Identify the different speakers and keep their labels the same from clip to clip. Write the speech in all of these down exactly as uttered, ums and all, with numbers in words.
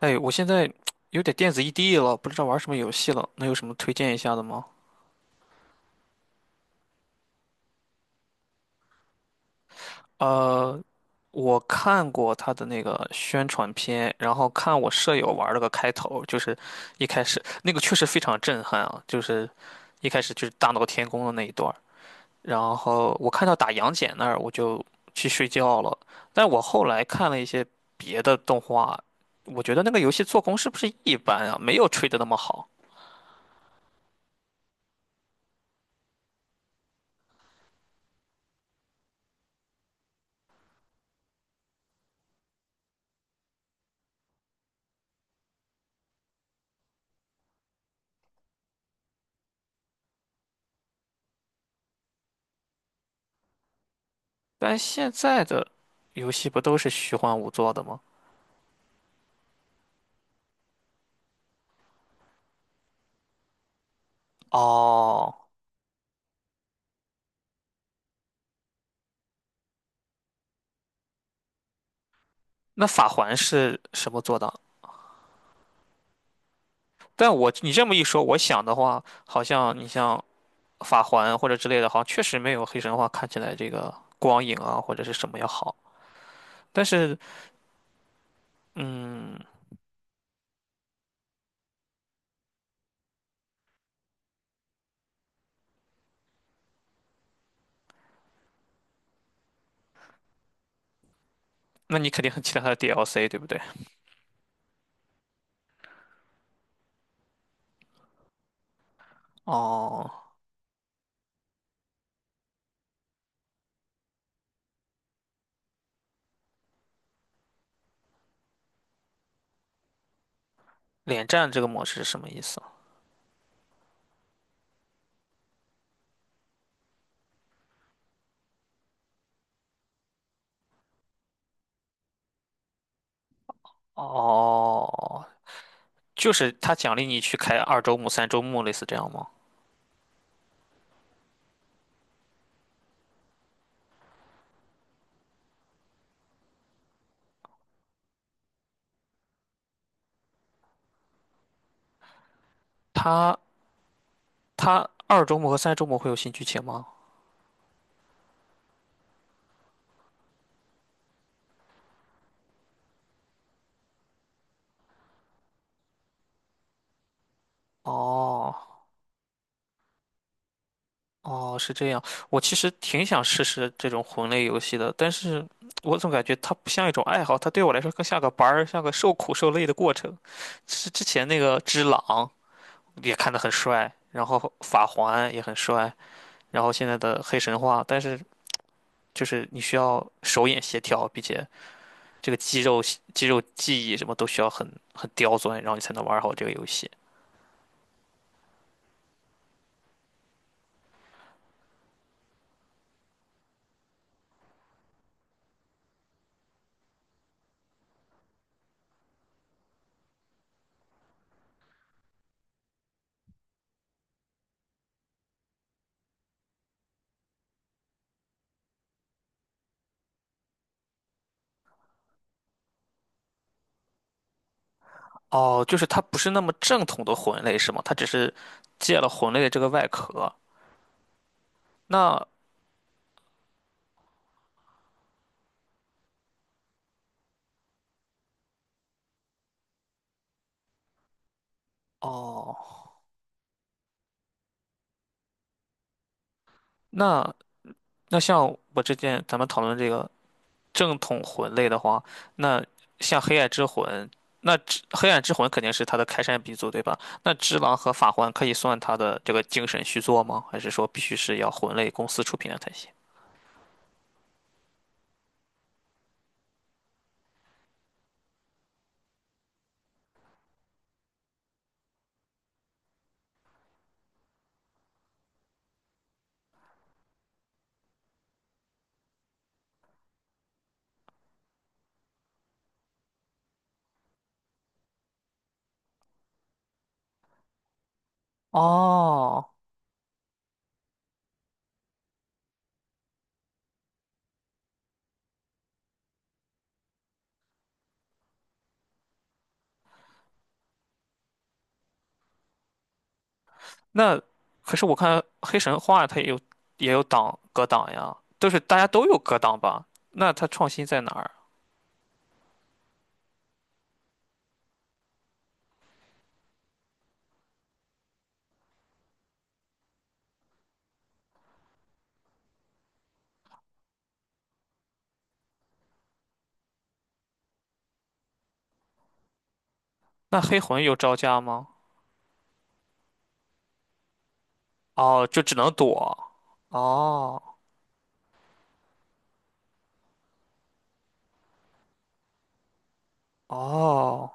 Speaker 1: 哎，我现在 有点电子异地了，不知道玩什么游戏了，能有什么推荐一下的吗？呃，我看过他的那个宣传片，然后看我舍友玩了个开头，就是一开始那个确实非常震撼啊，就是一开始就是大闹天宫的那一段儿，然后我看到打杨戬那儿，我就去睡觉了。但我后来看了一些别的动画，我觉得那个游戏做工是不是一般啊？没有吹的那么好。但现在的游戏不都是虚幻五做的吗？哦，那法环是什么做的？但我你这么一说，我想的话，好像你像法环或者之类的，好像确实没有黑神话看起来这个光影啊或者是什么要好。但是，嗯，那你肯定很期待它的 D L C，对不对？哦，连战这个模式是什么意思？哦，就是他奖励你去开二周目、三周目，类似这样吗？他他二周目和三周目会有新剧情吗？哦哦，是这样。我其实挺想试试这种魂类游戏的，但是我总感觉它不像一种爱好，它对我来说更像个班儿，像个受苦受累的过程。是之前那个《只狼》也看得很帅，然后《法环》也很帅，然后现在的《黑神话》，但是就是你需要手眼协调，并且这个肌肉肌肉记忆什么都需要很很刁钻，然后你才能玩好这个游戏。哦，就是它不是那么正统的魂类是吗？它只是借了魂类的这个外壳。那哦，那那像我之前咱们讨论这个正统魂类的话，那像黑暗之魂，那只黑暗之魂肯定是它的开山鼻祖，对吧？那只狼和法环可以算它的这个精神续作吗？还是说必须是要魂类公司出品的才行？哦，那可是我看黑神话它也有也有挡格挡呀，都是大家都有格挡吧？那它创新在哪儿？那黑魂有招架吗？哦，就只能躲。哦哦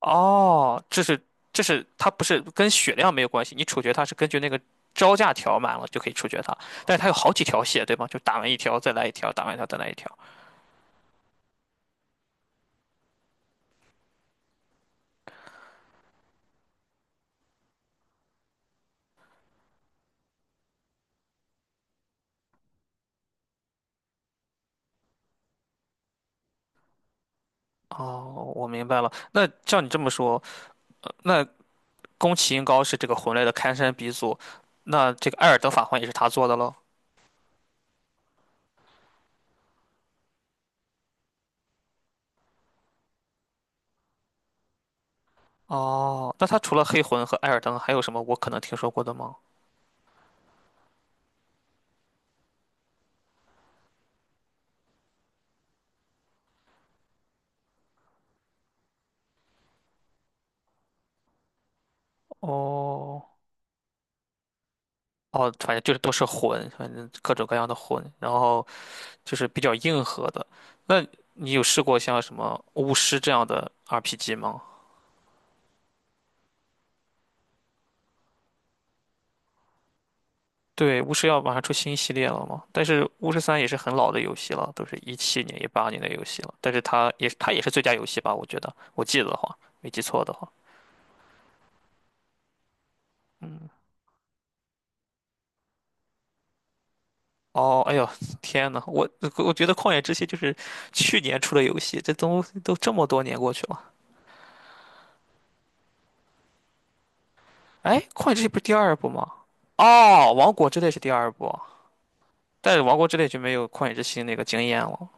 Speaker 1: 哦，这是这是它不是跟血量没有关系，你处决它是根据那个招架条满了就可以处决它，但是它有好几条血，对吗？就打完一条再来一条，打完一条再来一条。哦，我明白了。那照你这么说，那宫崎英高是这个魂类的开山鼻祖，那这个《艾尔登法环》也是他做的喽。哦，那他除了黑魂和艾尔登，还有什么我可能听说过的吗？哦哦，反正就是都是魂，反正各种各样的魂，然后就是比较硬核的。那你有试过像什么巫师这样的 R P G 吗？对，巫师要马上出新系列了嘛，但是巫师三也是很老的游戏了，都是一七年、一八年的游戏了，但是它也它也是最佳游戏吧？我觉得，我记得的话，没记错的话，嗯。哦，哎呦，天呐，我我觉得《旷野之息》就是去年出的游戏，这都都这么多年过去了。哎，《旷野之息》不是第二部吗？哦，《王国之泪》是第二部，但是《王国之泪》就没有《旷野之息》那个惊艳了。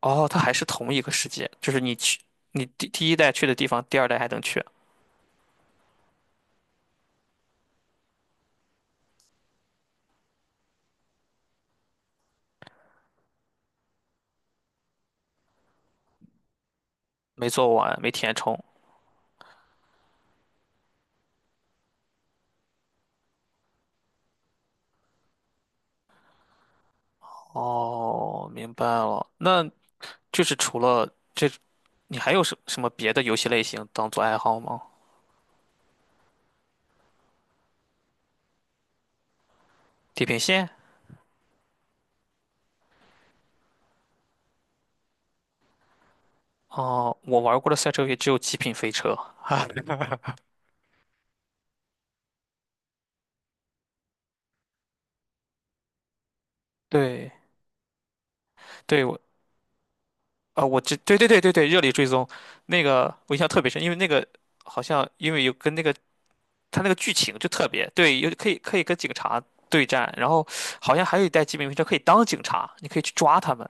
Speaker 1: 哦，它还是同一个世界，就是你去你第第一代去的地方，第二代还能去，没做完，没填充。哦，明白了。那就是除了这，你还有什什么别的游戏类型当做爱好吗？《地平线》哦，我玩过的赛车游戏只有《极品飞车》。对，对，我啊，我知，对对对对对，热力追踪那个我印象特别深，因为那个好像因为有跟那个他那个剧情就特别对，有可以可以跟警察对战，然后好像还有一代极品飞车可以当警察，你可以去抓他们。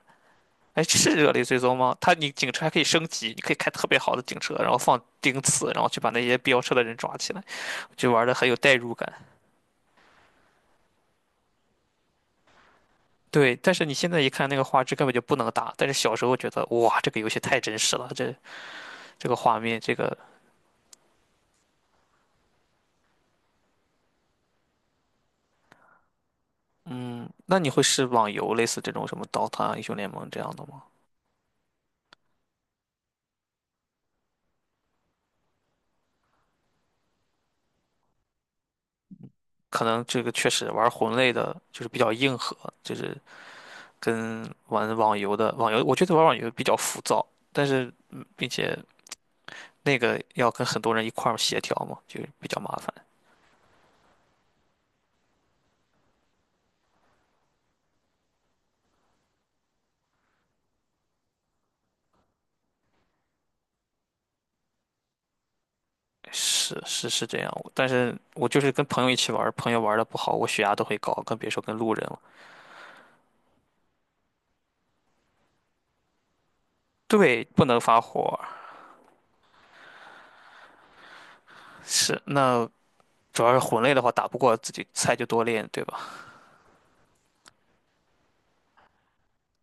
Speaker 1: 哎，是热力追踪吗？他你警车还可以升级，你可以开特别好的警车，然后放钉刺，然后去把那些飙车的人抓起来，就玩的很有代入感。对，但是你现在一看那个画质根本就不能打，但是小时候觉得哇，这个游戏太真实了，这这个画面，这个嗯，那你会是网游类似这种什么《刀塔》《英雄联盟》这样的吗？可能这个确实玩魂类的，就是比较硬核，就是跟玩网游的网游，我觉得玩网游比较浮躁，但是嗯并且那个要跟很多人一块儿协调嘛，就比较麻烦。是是是这样，但是我就是跟朋友一起玩，朋友玩的不好，我血压都会高，更别说跟路人了。对，不能发火，是那主要是魂类的话，打不过自己菜就多练，对吧？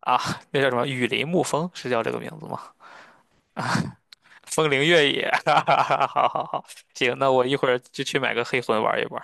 Speaker 1: 啊，那叫什么？雨林沐风是叫这个名字吗？风铃越野，哈哈哈，好好好，行，那我一会儿就去买个黑魂玩一玩。